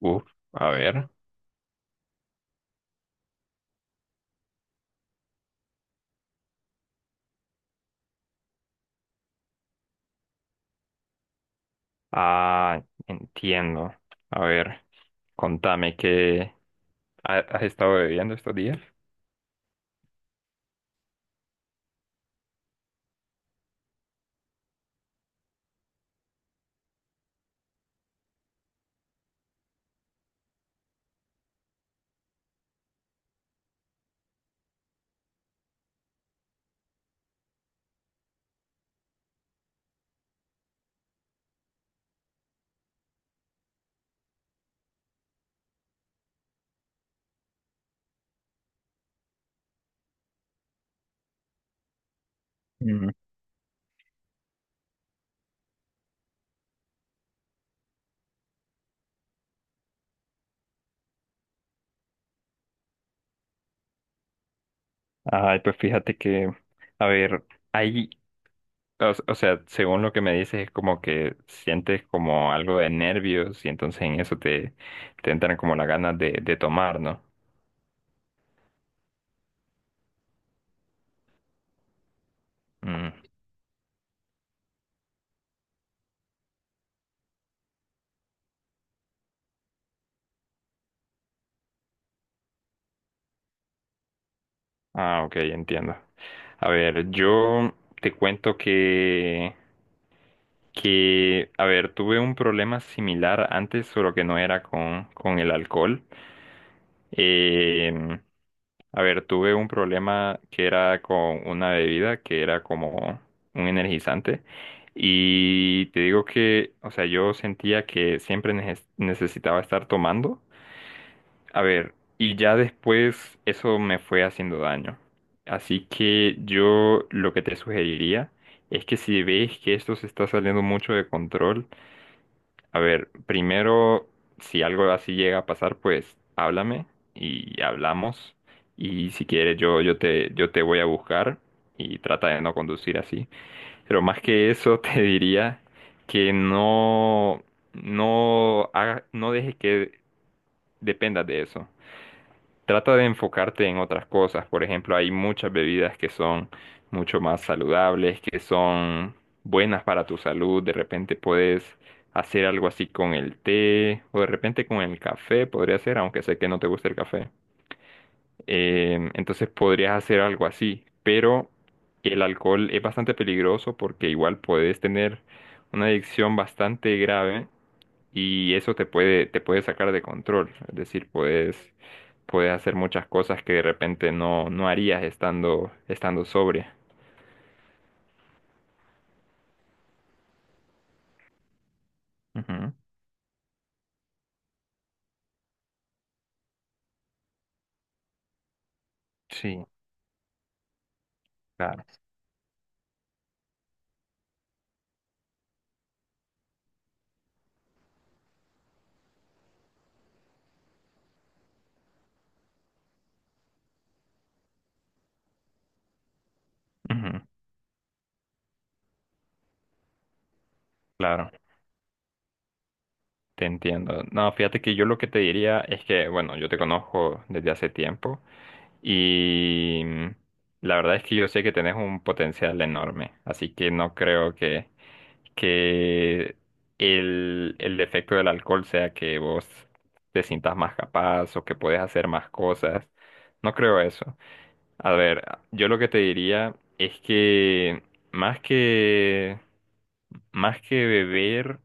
Uf, a ver. Ah, entiendo. A ver, contame has estado bebiendo estos días. Mm. Ay, pues fíjate que, a ver, ahí, o sea, según lo que me dices, es como que sientes como algo de nervios y entonces en te entran como las ganas de tomar, ¿no? Mm. Ah, ok, entiendo. A ver, yo te cuento que, a ver, tuve un problema similar antes, solo que no era con el alcohol. Eh, a ver, tuve un problema que era con una bebida que era como un energizante. Y te digo que, o sea, yo sentía que siempre necesitaba estar tomando. A ver, y ya después eso me fue haciendo daño. Así que yo lo que te sugeriría es que, si ves que esto se está saliendo mucho de control, a ver, primero, si algo así llega a pasar, pues háblame y hablamos. Y si quieres, yo te voy a buscar y trata de no conducir así. Pero más que eso, te diría que no, no, no dejes que dependas de eso. Trata de enfocarte en otras cosas. Por ejemplo, hay muchas bebidas que son mucho más saludables, que son buenas para tu salud. De repente puedes hacer algo así con el té, o de repente con el café, podría ser, aunque sé que no te gusta el café. Entonces podrías hacer algo así, pero el alcohol es bastante peligroso porque igual puedes tener una adicción bastante grave y eso te te puede sacar de control. Es decir, puedes hacer muchas cosas que de repente no harías estando sobria. Ujú. Sí, claro. Ujú. Claro, te entiendo. No, fíjate que yo lo que te diría es que, bueno, yo te conozco desde hace tiempo y la verdad es que yo sé que tenés un potencial enorme, así que no creo que el efecto del alcohol sea que vos te sientas más capaz o que puedes hacer más cosas. No creo eso. A ver, yo lo que te diría es que más que más que beber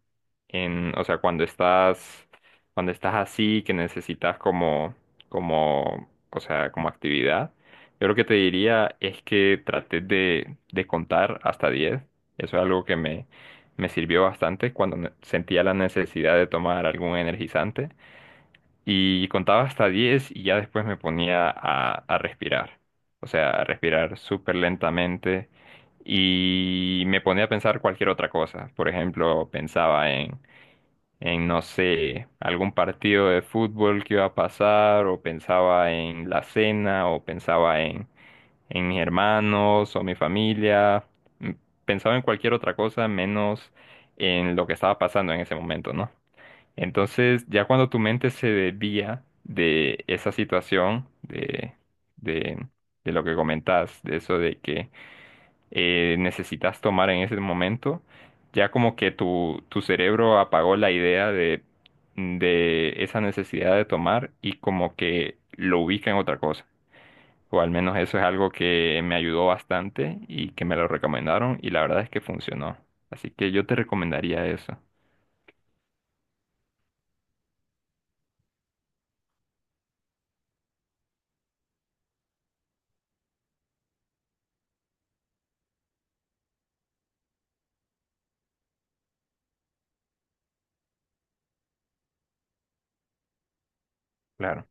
o sea, cuando estás así, que necesitas o sea, como actividad, yo lo que te diría es que trates de contar hasta diez. Eso es algo me sirvió bastante cuando sentía la necesidad de tomar algún energizante y contaba hasta 10 y ya después me ponía a respirar. O sea, a respirar súper lentamente y me ponía a pensar cualquier otra cosa. Por ejemplo, no sé, algún partido de fútbol que iba a pasar, o pensaba en la cena, o en mis hermanos o mi familia. M- pensaba en cualquier otra cosa menos en lo que estaba pasando en ese momento, ¿no? Entonces, ya cuando tu mente se desvía de esa situación, de, de lo que comentas, de eso de que necesitas tomar en ese momento, ya como que tu cerebro apagó la idea de esa necesidad de tomar, y como que lo ubica en otra cosa. O al menos eso es algo que me ayudó bastante y que me lo recomendaron, y la verdad es que funcionó. Así que yo te recomendaría eso. Claro.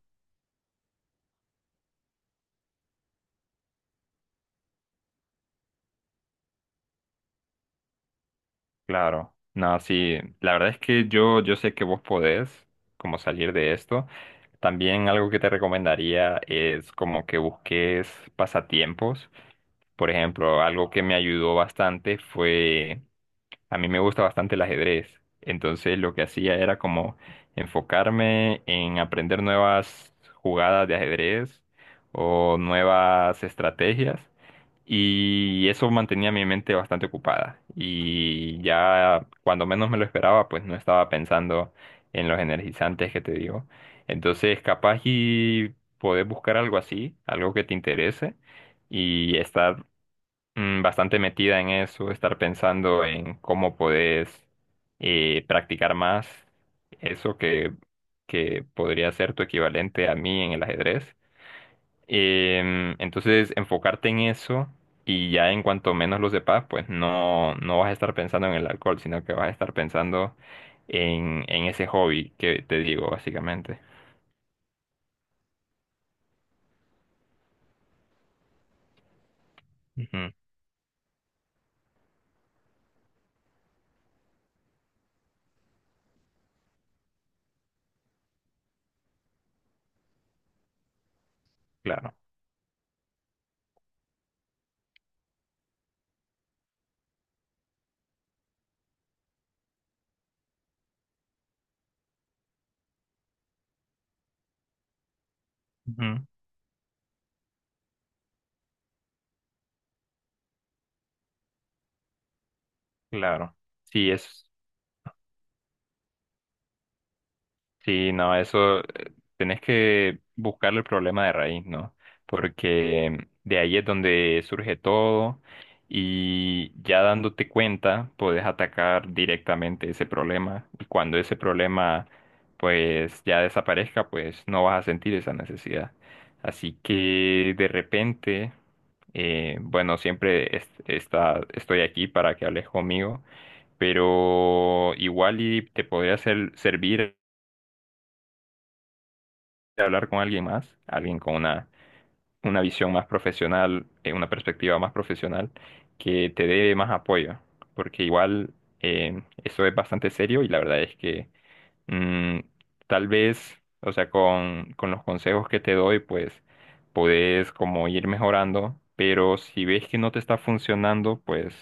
Claro, no, sí, la verdad es que yo sé que vos podés como salir de esto. También algo que te recomendaría es como que busques pasatiempos. Por ejemplo, algo que me ayudó bastante fue, a mí me gusta bastante el ajedrez. Entonces lo que hacía era como enfocarme en aprender nuevas jugadas de ajedrez o nuevas estrategias. Y eso mantenía mi mente bastante ocupada. Y ya cuando menos me lo esperaba, pues no estaba pensando en los energizantes que te digo. Entonces, capaz y poder buscar algo así, algo que te interese, y estar bastante metida en eso, estar pensando en cómo podés practicar más eso que podría ser tu equivalente a mí en el ajedrez. Entonces, enfocarte en eso, y ya en cuanto menos lo sepas, pues no, no vas a estar pensando en el alcohol, sino que vas a estar pensando en ese hobby que te digo, básicamente. Ujú, claro, ujú, claro. Sí, es. Sí, no, eso tenés que buscar el problema de raíz, ¿no? Porque de ahí es donde surge todo, y ya dándote cuenta podés atacar directamente ese problema, y cuando ese problema pues ya desaparezca, pues no vas a sentir esa necesidad. Así que de repente, bueno, siempre estoy aquí para que hables conmigo, pero igual y te podría servir de hablar con alguien más, alguien con una visión más profesional, una perspectiva más profesional, que te dé más apoyo, porque igual eso es bastante serio, y la verdad es que mm, tal vez, o sea, con los consejos que te doy, pues podés como ir mejorando, pero si ves que no te está funcionando, pues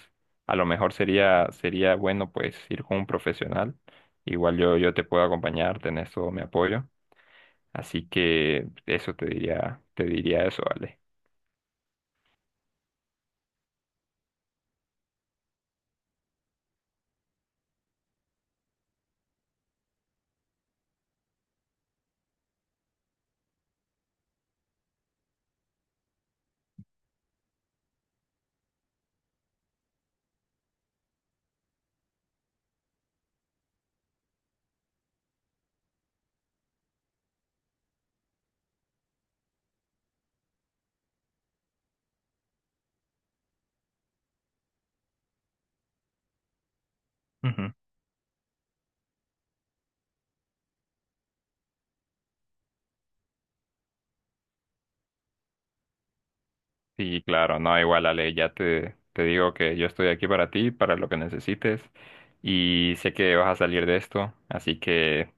a lo mejor sería bueno pues ir con un profesional. Igual yo te puedo acompañar, tenés todo mi apoyo. Así que eso te diría eso, Ale. Ujú. Sí, claro, no, igual, Ale, ya te digo que yo estoy aquí para ti, para lo que necesites, y sé que vas a salir de esto, así que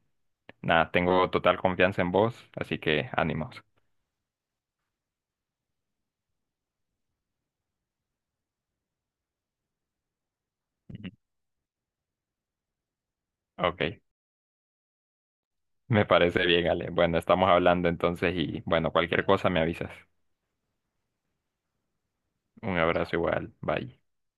nada, tengo total confianza en vos, así que ánimos. Ujú. Ok, me parece bien, Ale. Bueno, estamos hablando entonces y bueno, cualquier cosa me avisas. Un abrazo igual, bye.